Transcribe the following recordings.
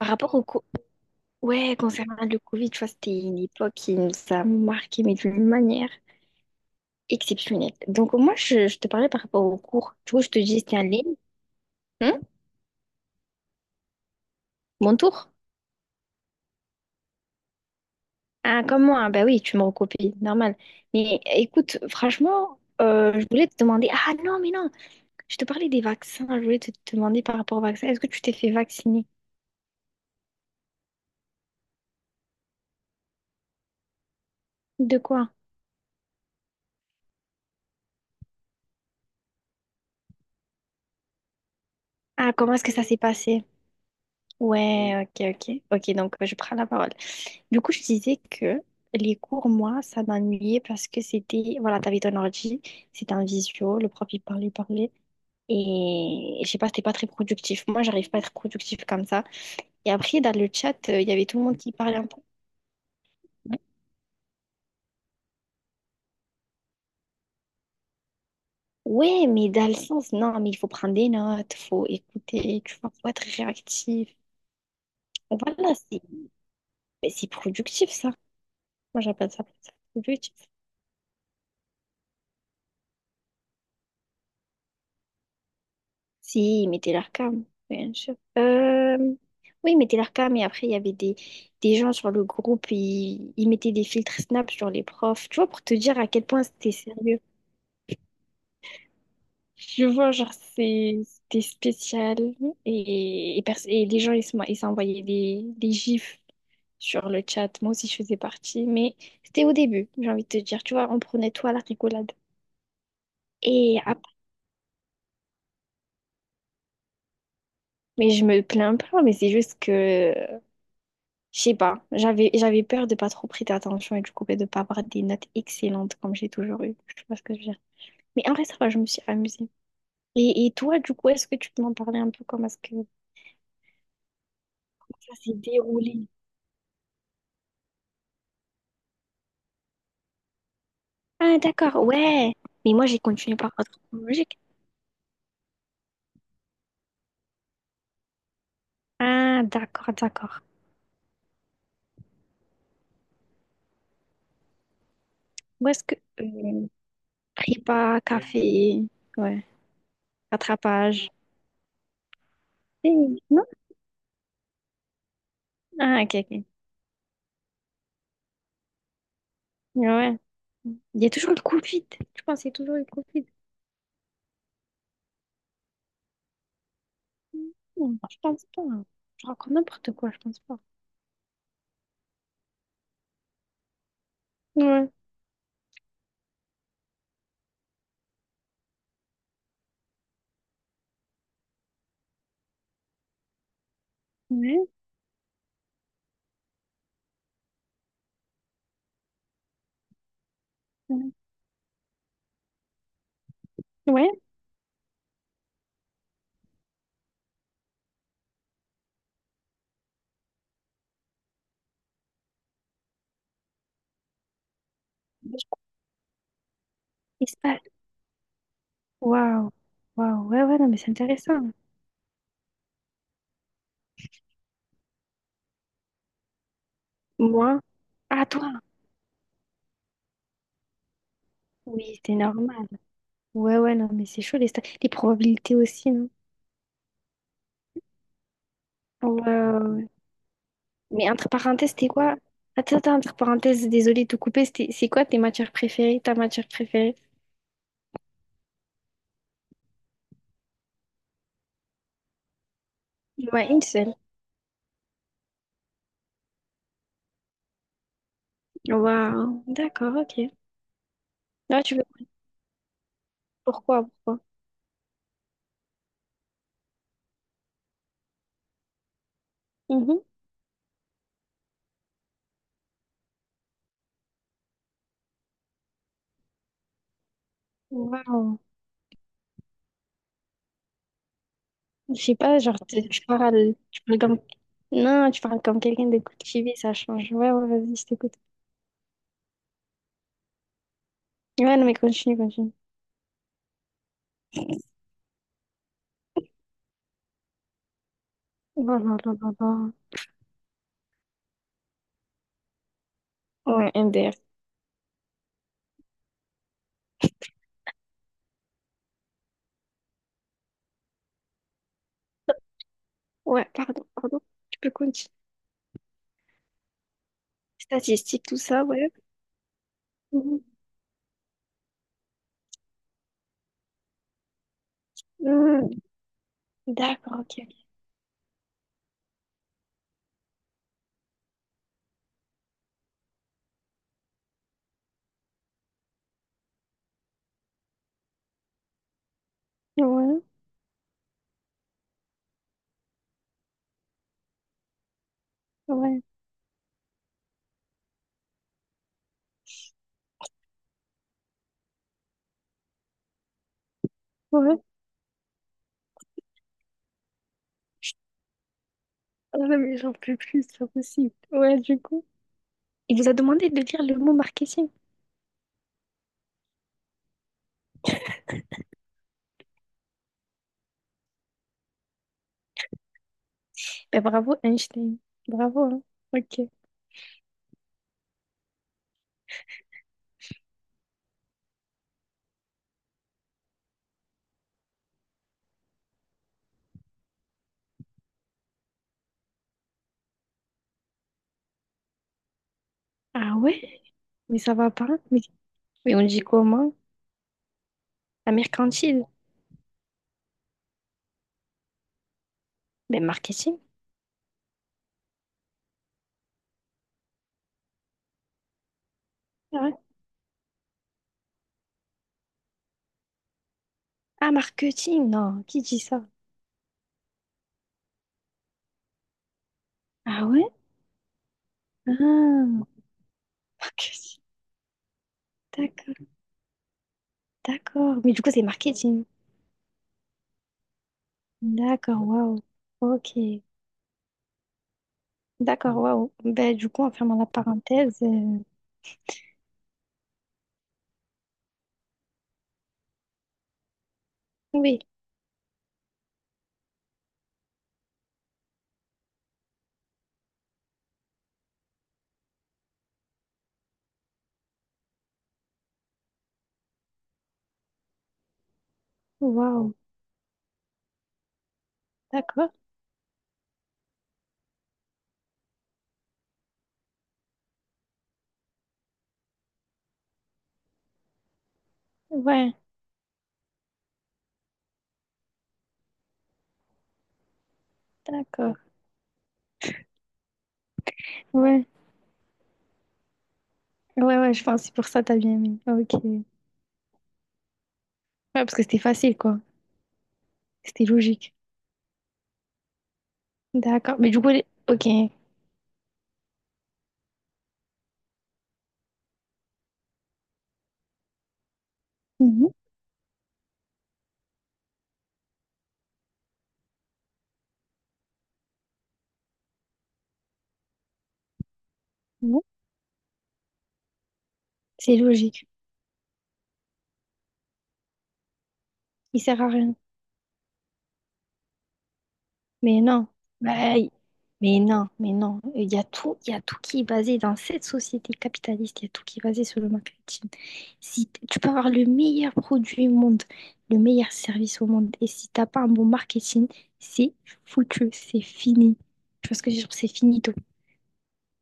Par rapport au co- ouais, concernant le Covid, tu vois, c'était une époque qui nous a marqué, mais d'une manière exceptionnelle. Donc, moi, je te parlais par rapport au cours. Du coup je te dis, c'était en ligne. Hein. Mon tour? Ah, comme moi, ah, bah oui, tu me recopies, normal. Mais écoute, franchement, je voulais te demander. Ah non, mais non, je te parlais des vaccins. Je voulais te demander par rapport au vaccin. Est-ce que tu t'es fait vacciner? De quoi? Ah, comment est-ce que ça s'est passé? Ouais, ok, ok. Ok, donc je prends la parole. Du coup, je disais que les cours, moi, ça m'ennuyait parce que c'était, voilà, t'avais ton ordi, c'était un visio, le prof, il parlait, et je sais pas, c'était pas très productif. Moi, j'arrive pas à être productif comme ça. Et après, dans le chat, il y avait tout le monde qui parlait un peu. Ouais, mais dans le sens, non, mais il faut prendre des notes, faut écouter, tu vois, faut être réactif. Voilà, c'est, mais c'est productif, ça. Moi, j'appelle ça productif. Si, il mettait leur cam, bien sûr. Oui, il mettait leur cam et après, il y avait des gens sur le groupe, ils mettaient des filtres Snap sur les profs, tu vois, pour te dire à quel point c'était sérieux. Je vois, genre, c'est- c'était spécial et, pers- et les gens, ils s'envoyaient des gifs sur le chat. Moi aussi, je faisais partie, mais c'était au début, j'ai envie de te dire, tu vois, on prenait tout à la rigolade. Et après, mais je me plains pas, mais c'est juste que je sais pas, j'avais peur de pas trop prêter attention et du coup ben, de pas avoir des notes excellentes comme j'ai toujours eu. Je sais pas ce que je veux dire. Mais en vrai, ça va, je me suis amusée. Et toi, du coup, est-ce que tu peux m'en parler un peu comment est-ce que ça s'est déroulé? Ah, d'accord, ouais. Mais moi, j'ai continué par ordre chronologique. Ah, d'accord, d'accord. Où est-ce que prépa, café, ouais, rattrapage. Eh, non? Ah, ok, ok. Ouais. Il y a toujours le Covid. Tu penses il y a toujours le Covid. Non, je pense pas, hein. Je raconte n'importe quoi, je pense pas. Ouais. Ouais, ouais. Ouais, espace. Waouh. Waouh, ouais, ouais, non, mais c'est intéressant. Moi, ah, toi. Oui, c'est normal. Ouais, ouais, non, mais c'est chaud, les, sta- les probabilités aussi, non? Ouais, ouais, ouais. Mais entre parenthèses, c'était quoi? Attends, attends, entre parenthèses, désolé de te couper, c'était- c'est quoi tes matières préférées, ta matière préférée? Ouais, une seule. Waouh, d'accord, ok. Là, tu veux pourquoi, pourquoi? Mhm. Waouh. Je sais pas, genre, t- tu parles comme... Non, tu parles comme quelqu'un de cultivé, ça change. Ouais, ouais, vas-y, je t'écoute. Ouais, non, mais continue, continue. Oh là là là là. Ouais, MDR. Ouais, pardon, pardon. Tu peux continuer. Statistiques, tout ça, ouais. Mhm. Mhm. D'accord, ok. Ouais, ouais, ouais. Ah non, mais j'en peux plus, c'est pas possible. Ouais, du coup. Il vous a demandé de lire le mot marketing. Ben bravo, Einstein. Bravo, hein. Ok. Ah ouais? Mais ça va pas? Mais on dit comment? La mercantile. Mais marketing? Ah ouais. Ah, marketing, non, qui dit ça? Ah ouais? Ah, marketing. D'accord, d'accord. Mais du coup, c'est marketing. D'accord, waouh. Ok. D'accord, waouh. Ben, du coup, en fermant la parenthèse, oui, waouh. D'accord. Ouais, d'accord. Ouais, ouais, ouais, je pense que c'est pour ça que t'as bien aimé. Ok. Ouais, parce que c'était facile, quoi. C'était logique. D'accord. Mais du coup, les- ok. Mhm. Mhm. C'est logique. Il sert à rien. Mais non, bah, y- mais non, mais non. Il y a tout, il y a tout qui est basé dans cette société capitaliste, il y a tout qui est basé sur le marketing. Si t- tu peux avoir le meilleur produit au monde, le meilleur service au monde, et si t'as pas un bon marketing, c'est foutu, c'est fini. Tu vois ce que je veux dire? C'est finito.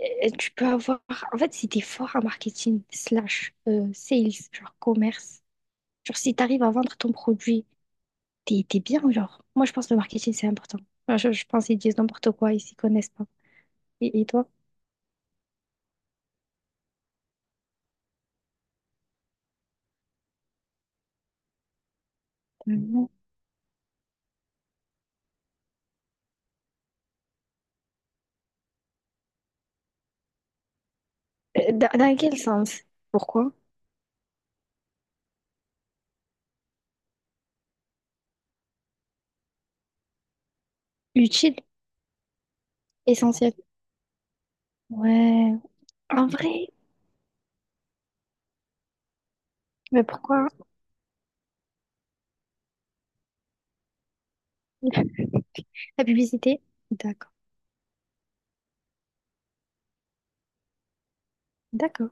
Tu peux avoir, en fait, si t'es fort en marketing slash sales, genre commerce, genre si t'arrives à vendre ton produit t'es, t'es bien, genre. Moi, je pense que le marketing, c'est important. Enfin, je pense qu'ils disent n'importe quoi, ils s'y connaissent pas. Et toi? Mhm. Dans, dans quel sens? Pourquoi? Utile, essentiel. Ouais, en vrai, mais pourquoi? La publicité? D'accord. D'accord.